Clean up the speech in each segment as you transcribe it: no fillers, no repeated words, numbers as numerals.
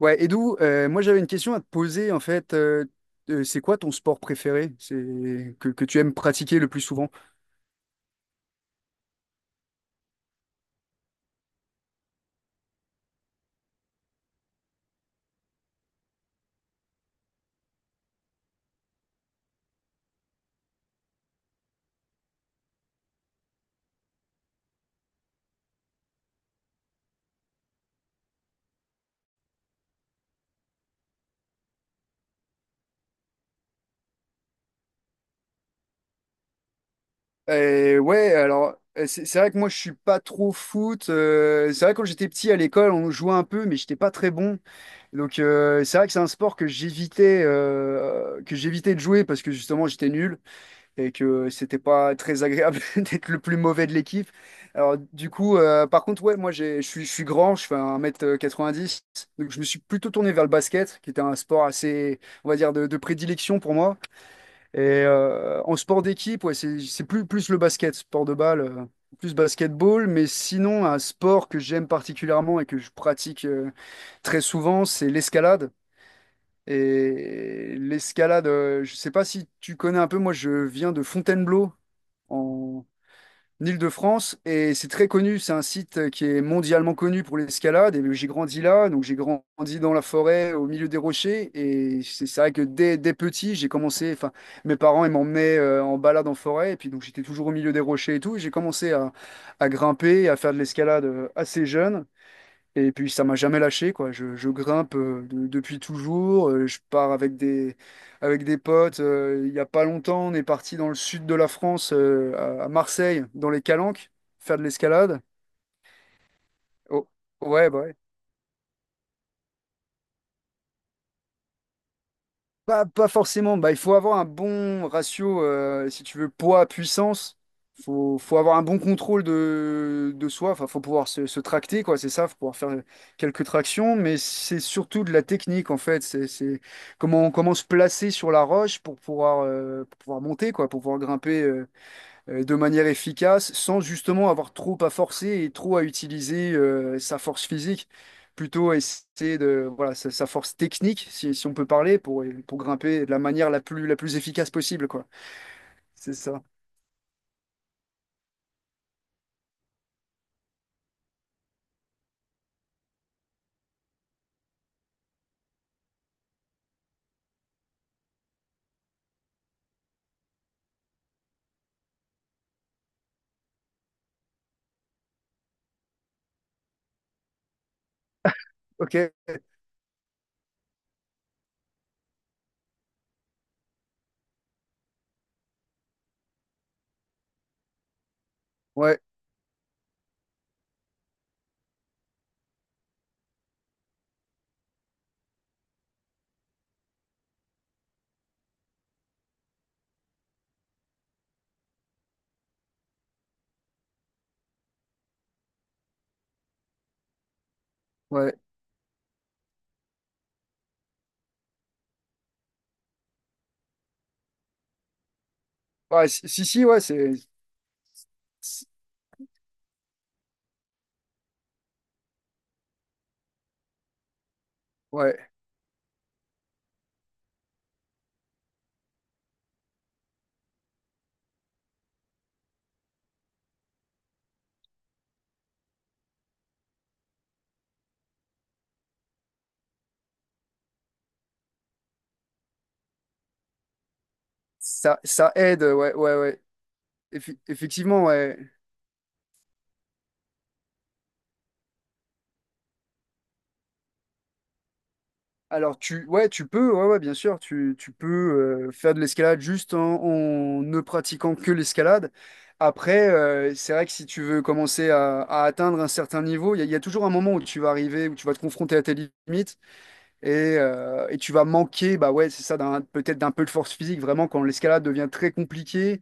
Ouais, Edou, moi j'avais une question à te poser en fait. C'est quoi ton sport préféré? C'est que tu aimes pratiquer le plus souvent? Ouais, alors c'est vrai que moi je suis pas trop foot. C'est vrai que quand j'étais petit à l'école, on jouait un peu, mais j'étais pas très bon. Donc c'est vrai que c'est un sport que j'évitais que j'évitais de jouer parce que justement j'étais nul, et que c'était pas très agréable d'être le plus mauvais de l'équipe. Alors du coup, par contre, ouais, je suis grand, je fais un mètre quatre-vingt-dix, donc je me suis plutôt tourné vers le basket, qui était un sport assez, on va dire, de prédilection pour moi. Et en sport d'équipe, ouais, c'est plus, plus le basket, sport de balle, plus basketball, mais sinon un sport que j'aime particulièrement et que je pratique très souvent, c'est l'escalade. Et l'escalade, je sais pas si tu connais un peu, moi je viens de Fontainebleau, en Île-de-France, et c'est très connu. C'est un site qui est mondialement connu pour l'escalade. Et j'ai grandi là, donc j'ai grandi dans la forêt, au milieu des rochers. Et c'est vrai que dès petit, j'ai commencé. Enfin, mes parents, ils m'emmenaient en balade en forêt. Et puis donc j'étais toujours au milieu des rochers et tout, et j'ai commencé à grimper, à faire de l'escalade assez jeune. Et puis ça m'a jamais lâché, quoi. Je grimpe depuis toujours. Je pars avec des potes. Il y a pas longtemps, on est parti dans le sud de la France, à Marseille, dans les Calanques, faire de l'escalade. Oh, ouais, bah ouais. Pas forcément. Bah, il faut avoir un bon ratio, si tu veux, poids-puissance. Faut avoir un bon contrôle de soi. Enfin, faut pouvoir se tracter, quoi. C'est ça, faut pouvoir faire quelques tractions. Mais c'est surtout de la technique, en fait. C'est comment se placer sur la roche pour pouvoir monter, quoi, pour pouvoir grimper, de manière efficace sans justement avoir trop à forcer et trop à utiliser sa force physique, plutôt à essayer de, voilà, sa force technique, si on peut parler, pour grimper de la manière la plus efficace possible, quoi. C'est ça. Ok. Ouais, ouais. Ouais, si, si, si, ouais, c'est- ouais. Ça, ça aide, ouais, ouais, ouais. Effi- effectivement, ouais. Alors tu ouais tu peux ouais, ouais bien sûr tu peux faire de l'escalade juste en ne pratiquant que l'escalade. Après c'est vrai que si tu veux commencer à atteindre un certain niveau, il y a toujours un moment où tu vas arriver où tu vas te confronter à tes limites et tu vas manquer bah ouais c'est ça d'un peut-être d'un peu de force physique vraiment quand l'escalade devient très compliquée.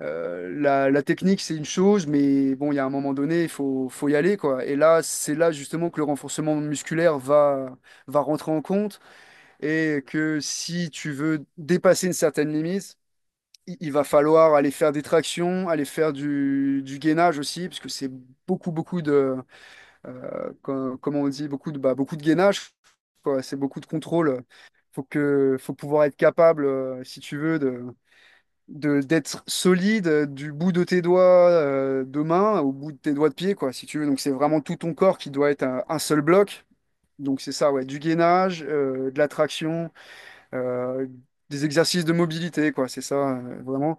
La technique c'est une chose mais bon il y a un moment donné il faut y aller quoi. Et là c'est là justement que le renforcement musculaire va rentrer en compte et que si tu veux dépasser une certaine limite, il va falloir aller faire des tractions, aller faire du gainage aussi, parce que c'est beaucoup, beaucoup de, comment on dit, beaucoup de, bah, beaucoup de gainage, quoi. C'est beaucoup de contrôle. Faut pouvoir être capable, si tu veux, de, d'être solide du bout de tes doigts de main au bout de tes doigts de pied, quoi, si tu veux. Donc c'est vraiment tout ton corps qui doit être un seul bloc. Donc c'est ça, ouais, du gainage, de la traction, euh, des exercices de mobilité, quoi, c'est ça, vraiment.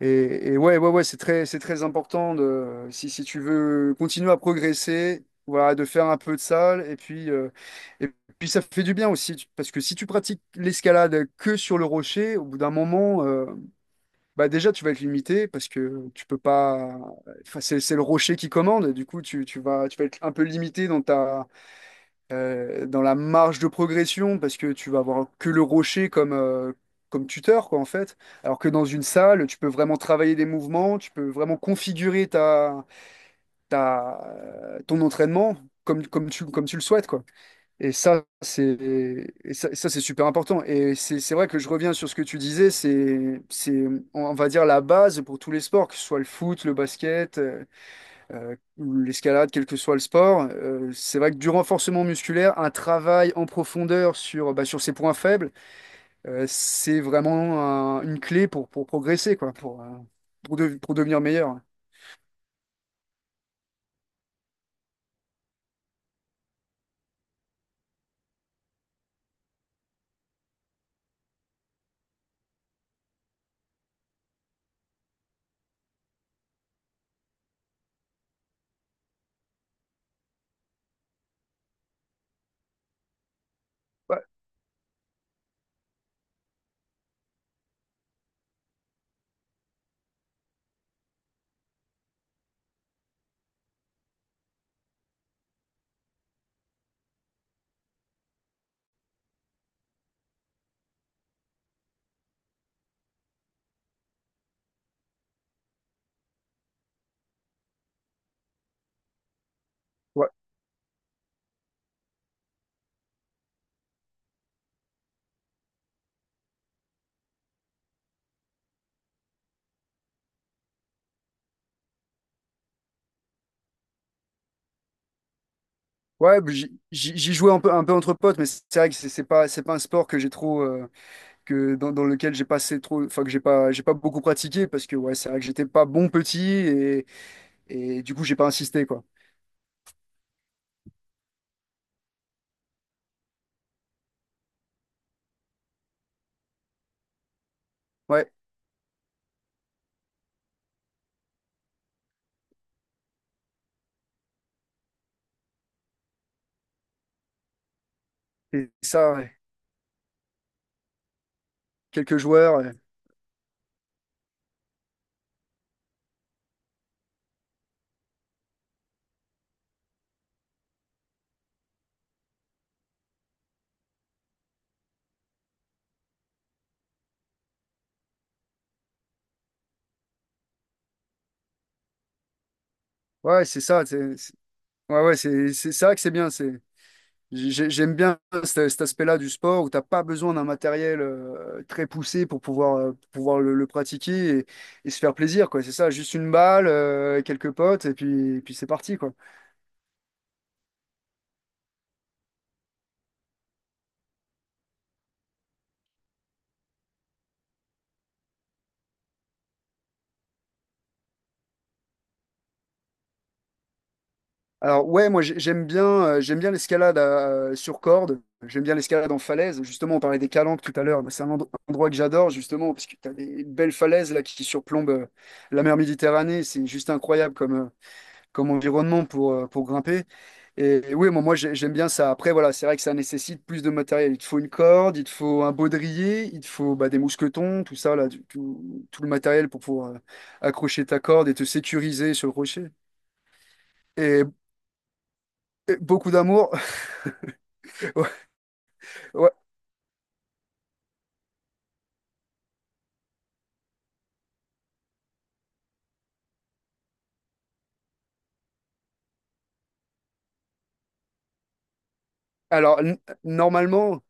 Et ouais, ouais, ouais, c'est très important de, si tu veux continuer à progresser, voilà, de faire un peu de salle, et puis ça fait du bien aussi, parce que si tu pratiques l'escalade que sur le rocher, au bout d'un moment, bah déjà, tu vas être limité, parce que tu peux pas, enfin, c'est le rocher qui commande, du coup, tu vas être un peu limité dans ta, dans la marge de progression parce que tu vas avoir que le rocher comme, comme tuteur, quoi, en fait. Alors que dans une salle, tu peux vraiment travailler des mouvements, tu peux vraiment configurer ton entraînement comme, comme tu le souhaites, quoi. Et ça, c'est, c'est super important. Et c'est vrai que je reviens sur ce que tu disais, on va dire, la base pour tous les sports, que ce soit le foot, le basket, l'escalade, quel que soit le sport. C'est vrai que du renforcement musculaire, un travail en profondeur sur, bah, sur ses points faibles, c'est vraiment une clé pour progresser, quoi, pour devenir meilleur. Ouais, ouais, ouais, bah, j'y jouais un peu entre potes, mais c'est vrai que c'est pas un sport que j'ai trop, que dans, dans lequel j'ai passé trop, enfin que j'ai pas beaucoup pratiqué parce que ouais, c'est vrai que j'étais pas bon petit, et du coup j'ai pas insisté quoi. Ouais, et ça, ouais. Quelques joueurs. Ouais, c'est ça. Ouais, ouais, c'est vrai que c'est bien. C'est, j'aime bien cet aspect-là du sport où t'as pas besoin d'un matériel très poussé pour pouvoir le pratiquer et se faire plaisir, quoi. C'est ça, juste une balle, quelques potes et puis c'est parti, quoi. Alors, ouais, j'aime bien l'escalade sur corde. J'aime bien l'escalade en falaise. Justement, on parlait des calanques tout à l'heure. Mais c'est un endroit que j'adore, justement, parce que t'as des belles falaises là qui surplombent la mer Méditerranée. C'est juste incroyable comme, comme environnement pour grimper. Et oui, moi, j'aime bien ça. Après, voilà, c'est vrai que ça nécessite plus de matériel. Il te faut une corde, il te faut un baudrier, il te faut bah, des mousquetons, tout ça, là, tout, tout le matériel pour pouvoir accrocher ta corde et te sécuriser sur le rocher. Et, et beaucoup d'amour. Alors, n- Normalement,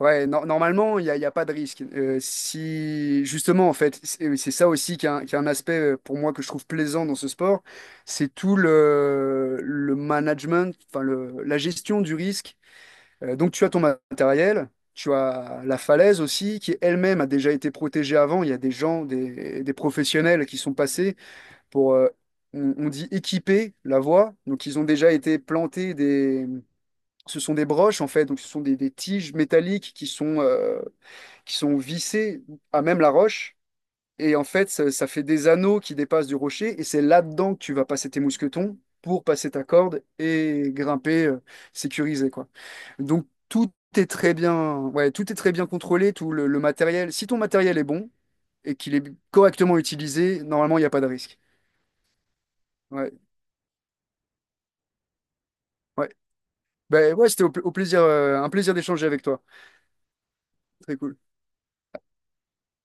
ouais, normalement, il y a pas de risque. Si, justement, en fait, c'est ça aussi qui est un aspect pour moi que je trouve plaisant dans ce sport, c'est tout le management, enfin, le, la gestion du risque. Donc, tu as ton matériel, tu as la falaise aussi, qui elle-même a déjà été protégée avant. Il y a des gens, des professionnels qui sont passés pour, on dit équiper la voie. Donc, ils ont déjà été plantés, ce sont des broches en fait, donc ce sont des tiges métalliques qui sont vissées à même la roche. Et en fait, ça fait des anneaux qui dépassent du rocher. Et c'est là-dedans que tu vas passer tes mousquetons pour passer ta corde et grimper sécurisé, quoi. Donc tout est très bien, ouais, tout est très bien contrôlé, tout le matériel. Si ton matériel est bon et qu'il est correctement utilisé, normalement, il n'y a pas de risque. Ouais, ouais. Ben ouais, c'était au, au plaisir, un plaisir d'échanger avec toi. Très cool.